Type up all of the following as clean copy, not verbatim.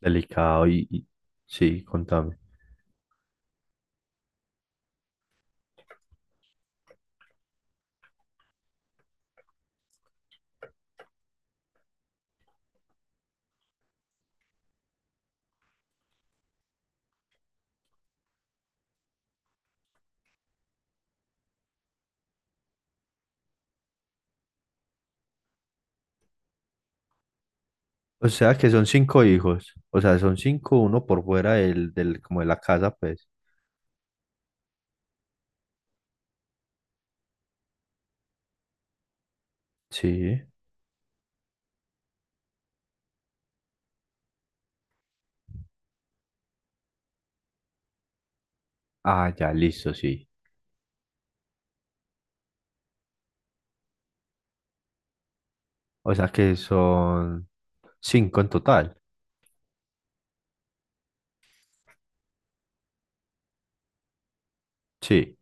Delicado y- sí, contame. O sea que son cinco hijos. O sea, son cinco, uno por fuera del, como de la casa, pues. Sí. Ah, ya, listo, sí. O sea que son cinco en total. Sí,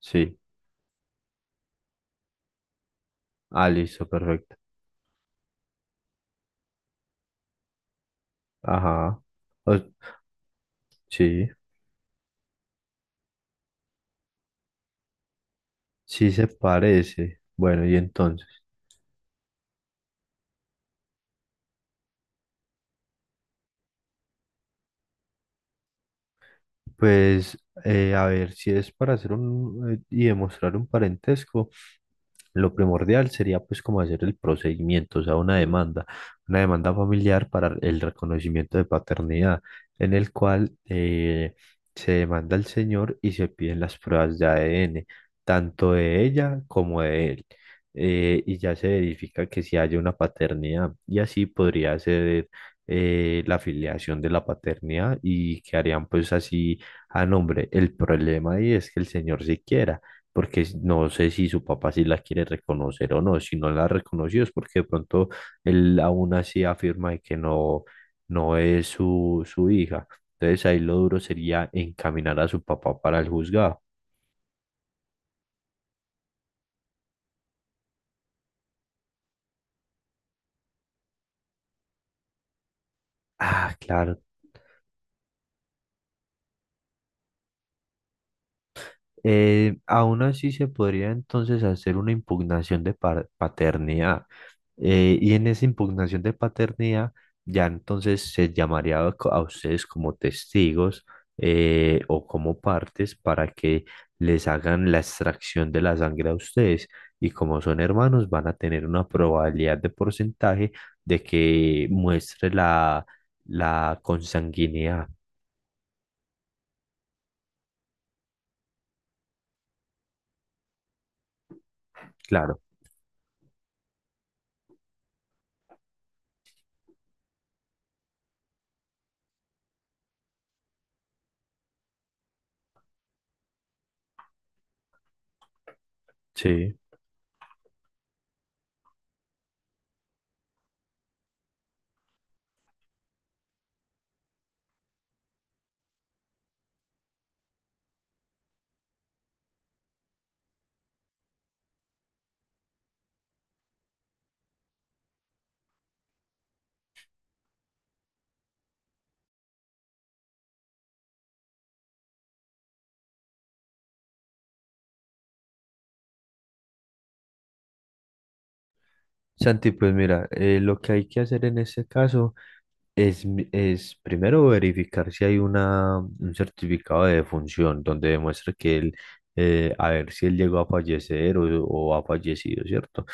sí. Ah, listo, perfecto. Ajá. O- sí, sí se parece. Bueno, y entonces, pues, a ver, si es para hacer un, y demostrar un parentesco. Lo primordial sería pues como hacer el procedimiento, o sea, una demanda familiar para el reconocimiento de paternidad, en el cual se demanda al señor y se piden las pruebas de ADN, tanto de ella como de él, y ya se verifica que si haya una paternidad y así podría ser la afiliación de la paternidad y quedarían pues así a nombre. El problema ahí es que el señor siquiera porque no sé si su papá sí la quiere reconocer o no. Si no la reconoció es porque de pronto él aún así afirma de que no, no es su hija. Entonces ahí lo duro sería encaminar a su papá para el juzgado. Ah, claro. Aún así se podría entonces hacer una impugnación de paternidad. Y en esa impugnación de paternidad ya entonces se llamaría a ustedes como testigos, o como partes para que les hagan la extracción de la sangre a ustedes. Y como son hermanos, van a tener una probabilidad de porcentaje de que muestre la consanguinidad. Claro, sí. Santi, pues mira, lo que hay que hacer en ese caso. Es, es primero verificar si hay un certificado de defunción donde demuestre que él, a ver si él llegó a fallecer o ha fallecido, ¿cierto?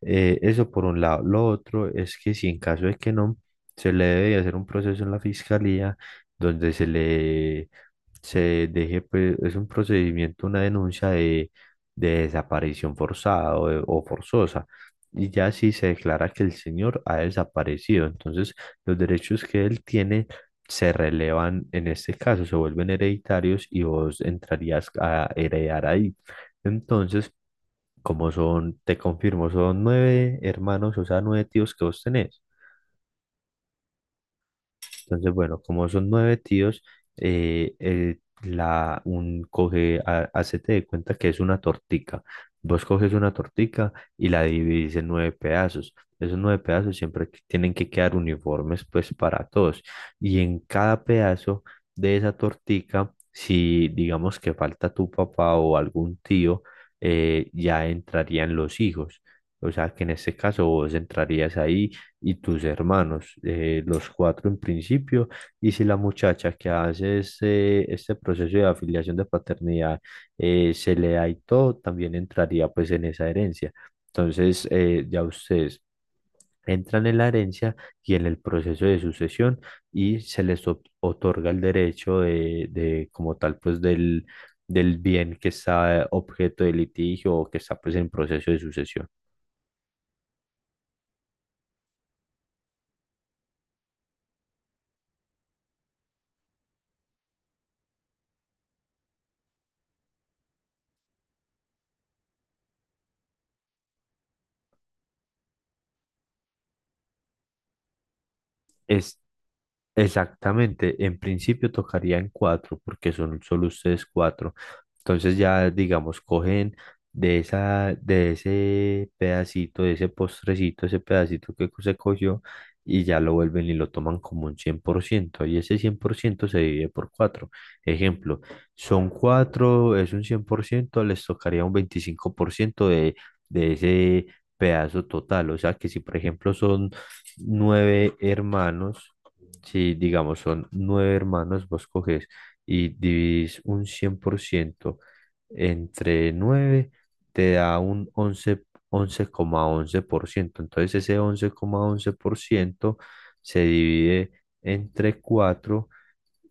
Eso por un lado. Lo otro es que si en caso de que no, se le debe hacer un proceso en la fiscalía donde se le se deje, pues, es un procedimiento, una denuncia de desaparición forzada o forzosa. Y ya si se declara que el señor ha desaparecido, entonces los derechos que él tiene se relevan en este caso, se vuelven hereditarios y vos entrarías a heredar ahí. Entonces, como son, te confirmo, son nueve hermanos, o sea, nueve tíos que vos tenés. Entonces, bueno, como son nueve tíos, el la, un coge, ha- hacete de cuenta que es una tortica. Vos coges una tortica y la dividís en nueve pedazos. Esos nueve pedazos siempre tienen que quedar uniformes, pues, para todos. Y en cada pedazo de esa tortica, si digamos que falta tu papá o algún tío, ya entrarían los hijos. O sea, que en este caso vos entrarías ahí y tus hermanos, los cuatro en principio, y si la muchacha que hace este proceso de afiliación de paternidad se le da y todo, también entraría pues en esa herencia. Entonces, ya ustedes entran en la herencia y en el proceso de sucesión y se les otorga el derecho de como tal, pues del bien que está objeto de litigio o que está pues en proceso de sucesión. Es exactamente, en principio tocaría en cuatro, porque son solo ustedes cuatro. Entonces ya, digamos, cogen de de ese pedacito, de ese postrecito, ese pedacito que se cogió, y ya lo vuelven y lo toman como un 100% y ese 100% se divide por cuatro. Ejemplo, son cuatro, es un 100% les tocaría un 25% de ese pedazo total. O sea que si, por ejemplo, son nueve hermanos, si digamos son nueve hermanos, vos coges y dividís un 100% entre nueve, te da un once coma once por ciento. Entonces ese once once coma once por ciento se divide entre cuatro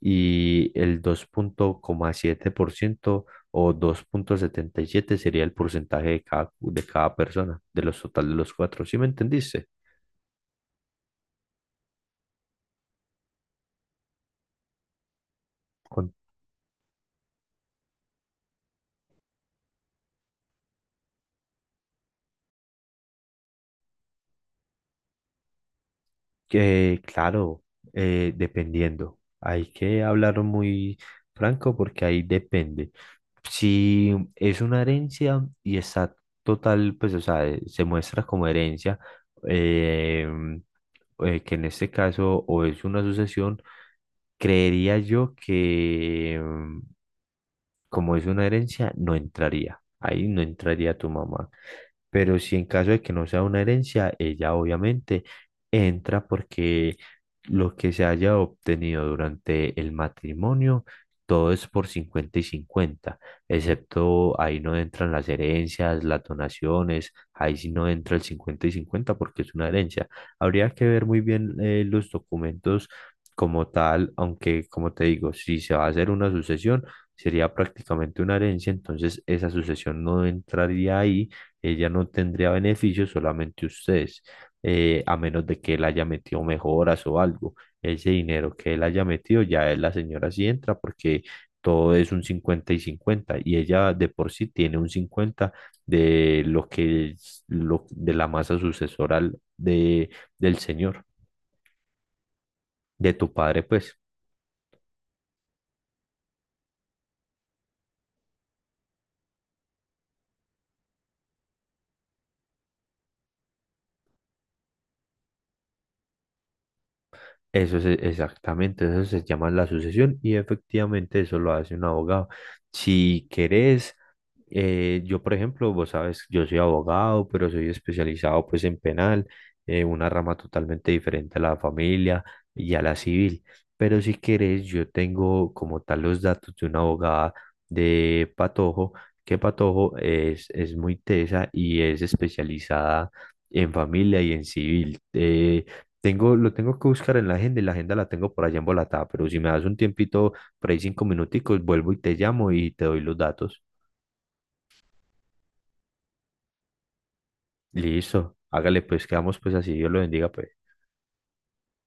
y el dos coma siete por ciento o dos coma setenta y siete sería el porcentaje de cada persona, de los total de los cuatro. ¿Sí me entendiste? Con que claro, dependiendo. Hay que hablar muy franco porque ahí depende. Si es una herencia y está total, pues, o sea, se muestra como herencia, eh, que en este caso o es una sucesión, creería yo que como es una herencia, no entraría. Ahí no entraría tu mamá. Pero si en caso de que no sea una herencia, ella obviamente entra porque lo que se haya obtenido durante el matrimonio, todo es por 50 y cincuenta, excepto ahí no entran las herencias, las donaciones, ahí sí no entra el 50 y 50 porque es una herencia. Habría que ver muy bien los documentos como tal, aunque como te digo, si se va a hacer una sucesión, sería prácticamente una herencia, entonces esa sucesión no entraría ahí, ella no tendría beneficios, solamente ustedes, a menos de que él haya metido mejoras o algo. Ese dinero que él haya metido, ya la señora sí entra porque todo es un 50 y 50 y ella de por sí tiene un 50 de lo que es lo, de la masa sucesoral del señor, de tu padre, pues. Eso es exactamente, eso se llama la sucesión y efectivamente eso lo hace un abogado. Si querés, yo por ejemplo, vos sabes, yo soy abogado, pero soy especializado pues en penal, una rama totalmente diferente a la familia y a la civil. Pero si querés, yo tengo como tal los datos de una abogada de Patojo, que Patojo es muy tesa y es especializada en familia y en civil. Tengo, lo tengo que buscar en la agenda y la agenda la tengo por allá embolatada, pero si me das un tiempito, por ahí cinco minuticos, vuelvo y te llamo y te doy los datos. Listo, hágale pues, quedamos pues así, Dios lo bendiga pues.